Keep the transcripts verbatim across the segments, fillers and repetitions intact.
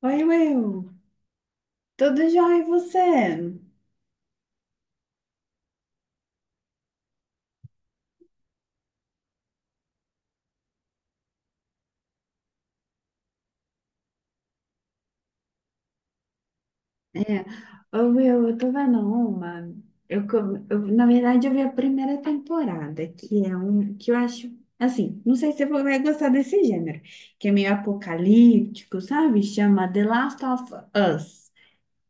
Oi, Will. Tudo jóia e você? É, ô, Will, eu tô vendo uma. Eu, co- eu, na verdade, eu vi a primeira temporada, que é um que eu acho assim, não sei se você vai gostar desse gênero, que é meio apocalíptico, sabe? Chama The Last of Us,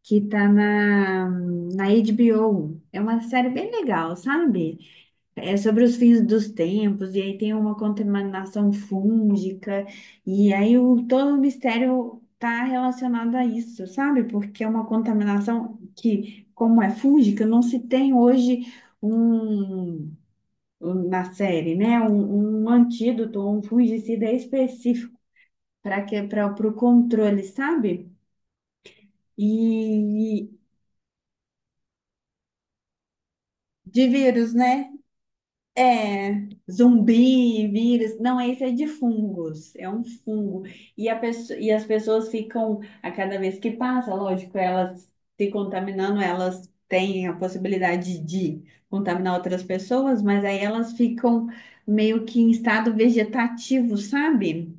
que tá na, na HBO. É uma série bem legal, sabe? É sobre os fins dos tempos, e aí tem uma contaminação fúngica, e aí o, todo o mistério está relacionado a isso, sabe? Porque é uma contaminação que, como é fúngica, não se tem hoje um, um- na série, né? Um, um antídoto, um fungicida específico para que para o controle, sabe? E de vírus, né? É, zumbi, vírus. Não, esse é de fungos. É um fungo. E, a pesso- e as pessoas ficam, a cada vez que passa, lógico, elas se contaminando, elas têm a possibilidade de contaminar outras pessoas, mas aí elas ficam meio que em estado vegetativo, sabe?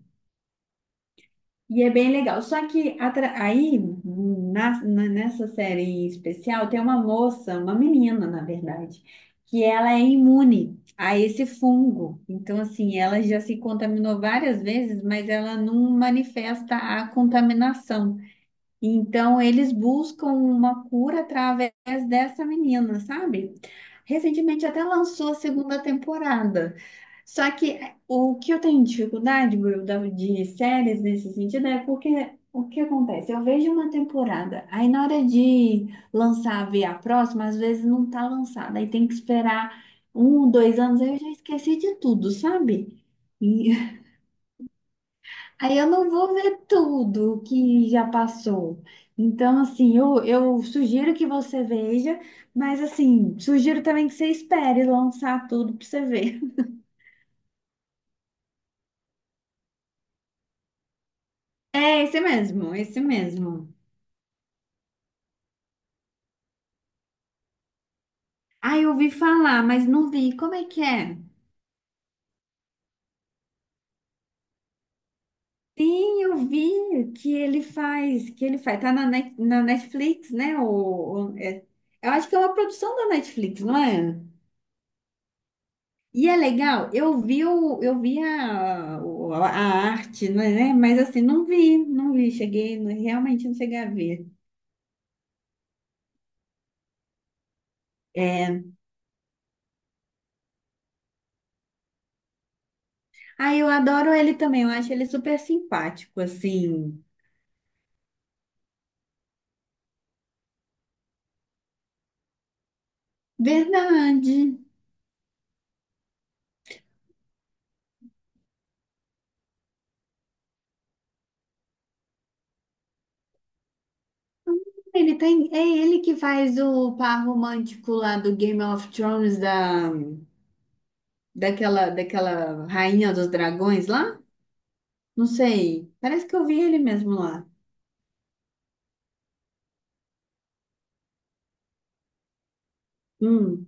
E é bem legal. Só que atra- aí, na- na- nessa série em especial, tem uma moça, uma menina, na verdade, que ela é imune a esse fungo. Então, assim, ela já se contaminou várias vezes, mas ela não manifesta a contaminação. Então, eles buscam uma cura através dessa menina, sabe? Recentemente até lançou a segunda temporada. Só que é, o que eu tenho dificuldade, Will, de séries nesse sentido é porque o que acontece? Eu vejo uma temporada, aí na hora de lançar, ver a próxima, às vezes não tá lançada, aí tem que esperar um, dois anos, aí eu já esqueci de tudo, sabe? E aí eu não vou ver tudo que já passou. Então, assim, eu, eu sugiro que você veja, mas assim, sugiro também que você espere lançar tudo pra você ver. É esse mesmo, esse mesmo. Ah, eu ouvi falar, mas não vi. Como é que é? Sim, eu vi que ele faz, que ele faz. Tá na, Net- na Netflix, né? O, o- é- eu acho que é uma produção da Netflix, não é? E é legal. Eu vi, o, eu vi a, o- a arte, né? Mas assim, não vi, não vi. Cheguei, não- realmente não cheguei a ver. É. Ah, eu adoro ele também. Eu acho ele super simpático, assim. Verdade. Ele tem, é ele que faz o par romântico lá do Game of Thrones, da, daquela, daquela rainha dos dragões lá? Não sei. Parece que eu vi ele mesmo lá. Hum.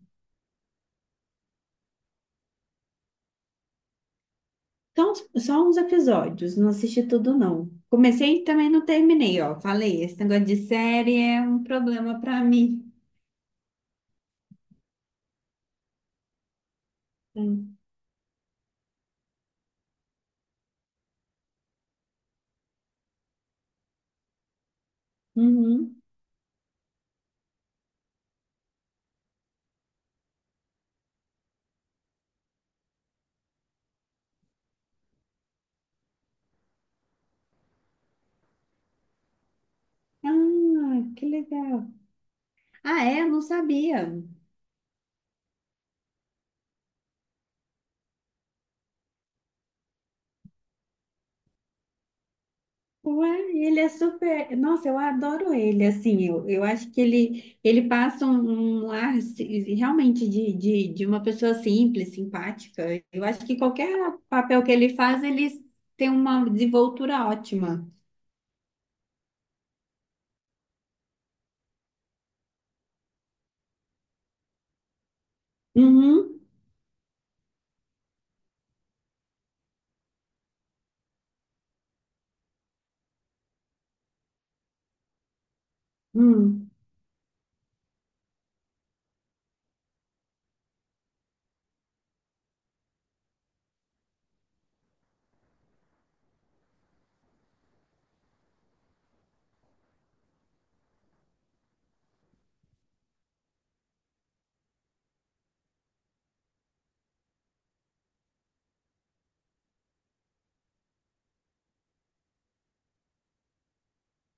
Então, só uns episódios, não assisti tudo, não. Comecei e também não terminei, ó. Falei, esse negócio de série é um problema pra mim. Hum. Uhum. Ah, que legal. Ah, é? Eu não sabia. Ué, ele é super. Nossa, eu adoro ele. Assim, eu, eu acho que ele, ele passa um, um ar assim, realmente de, de, de uma pessoa simples, simpática. Eu acho que qualquer papel que ele faz, ele tem uma desenvoltura ótima. Uhum. Hum.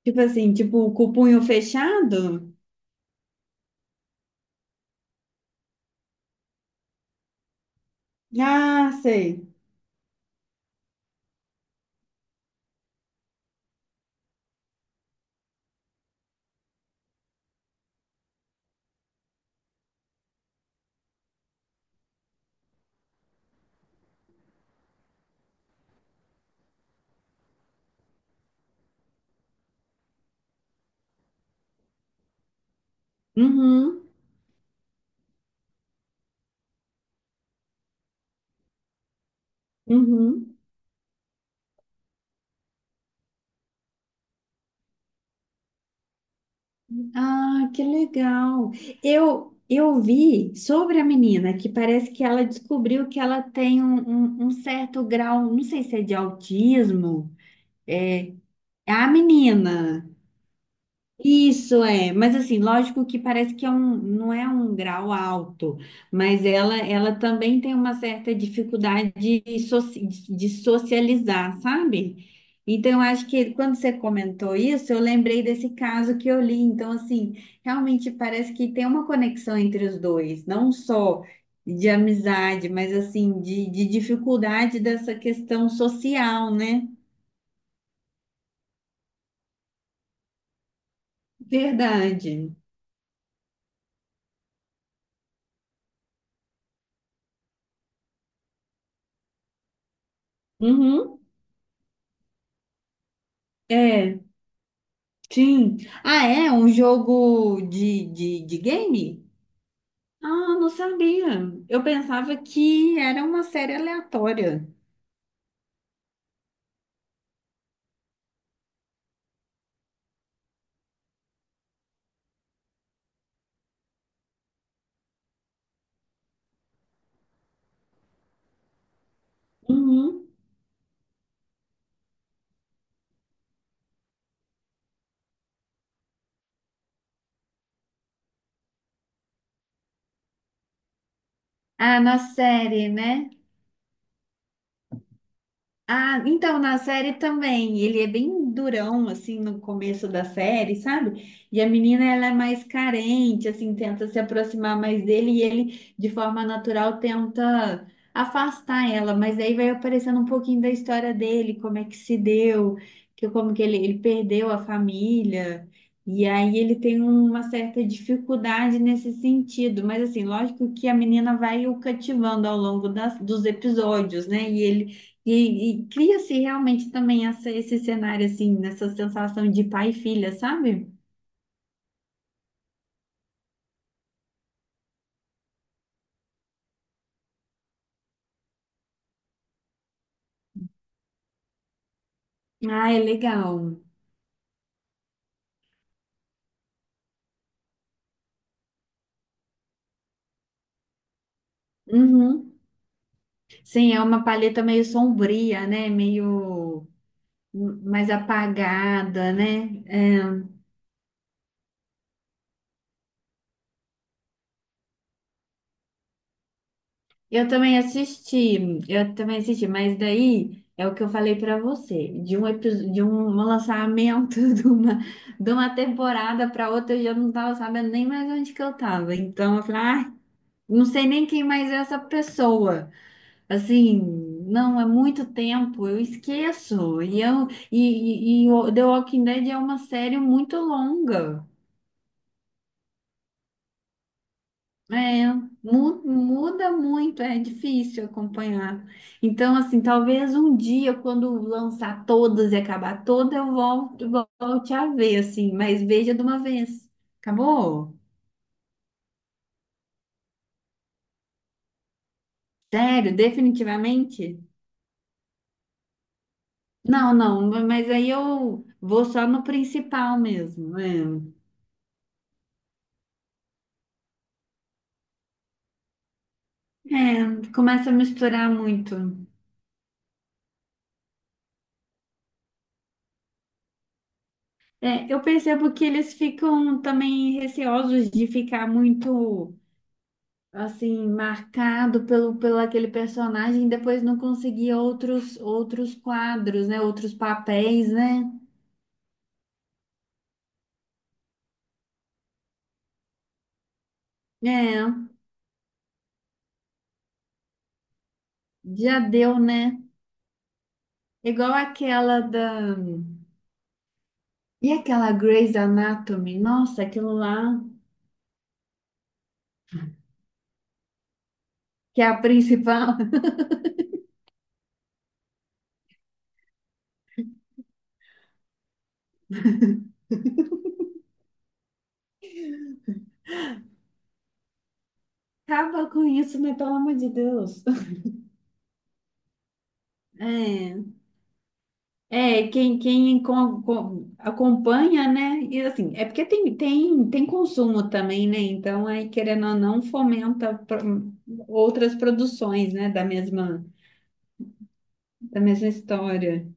Tipo assim, tipo com o punho fechado. Ah, sei. Uhum. Uhum. Ah, que legal. Eu eu vi sobre a menina que parece que ela descobriu que ela tem um, um- um certo grau, não sei se é de autismo. É, é a menina. Isso é, mas assim, lógico que parece que é um, não é um grau alto, mas ela, ela também tem uma certa dificuldade de, soci- de socializar, sabe? Então, eu acho que quando você comentou isso, eu lembrei desse caso que eu li. Então, assim, realmente parece que tem uma conexão entre os dois, não só de amizade, mas assim, de, de dificuldade dessa questão social, né? Verdade. Uhum. É. Sim. Ah, é? Um jogo de, de, de game? Ah, não sabia. Eu pensava que era uma série aleatória. Uhum. Ah, na série, né? Ah, então, na série também, ele é bem durão, assim, no começo da série, sabe? E a menina, ela é mais carente, assim, tenta se aproximar mais dele e ele, de forma natural, tenta afastar ela, mas aí vai aparecendo um pouquinho da história dele, como é que se deu, que como que ele, ele perdeu a família, e aí ele tem uma certa dificuldade nesse sentido, mas assim, lógico que a menina vai o cativando ao longo das, dos episódios, né? E ele e, e cria-se realmente também essa, esse cenário, assim, nessa sensação de pai e filha, sabe? Ah, é legal. Uhum. Sim, é uma paleta meio sombria, né? Meio hum, mais apagada, né? É. Eu também assisti, eu também assisti, mas daí é o que eu falei para você, de um episódio, de um um lançamento de uma, de uma temporada para outra, eu já não tava sabendo nem mais onde que eu tava. Então eu falei, ah, não sei nem quem mais é essa pessoa. Assim, não, é muito tempo, eu esqueço. E, eu, e, e, e o The Walking Dead é uma série muito longa. É, mu- muda muito, é difícil acompanhar. Então, assim, talvez um dia, quando lançar todas e acabar toda, eu volto, volte a ver, assim, mas veja de uma vez. Acabou? Sério, definitivamente? Não, não, mas aí eu vou só no principal mesmo. É. É, começa a misturar muito. É, eu percebo que eles ficam também receosos de ficar muito, assim, marcado pelo, pelo aquele personagem e depois não conseguir outros, outros quadros, né? Outros papéis, né? É, já deu, né? Igual aquela da... E aquela Grey's Anatomy? Nossa, aquilo lá, que é a principal. Acaba com isso, né? Pelo amor de Deus. É. É, quem, quem com- com- acompanha, né? E assim, é porque tem, tem, tem consumo também, né? Então, aí, querendo ou não, fomenta pro- outras produções, né? Da mesma, da mesma história.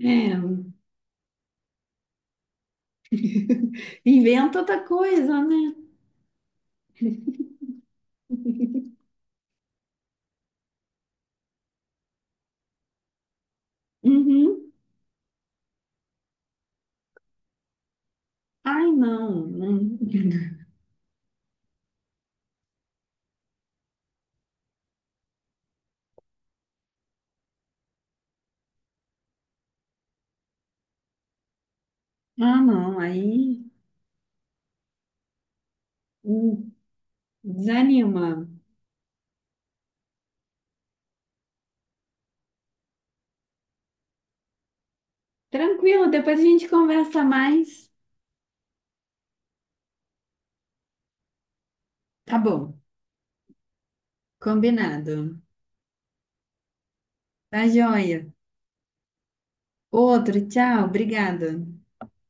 É, inventa outra coisa, né? Uhum. Ai, não. não. Ah, não. Aí hum, desanima. Tranquilo, depois a gente conversa mais. Tá bom, combinado. Tá joia. Outro, tchau, obrigada.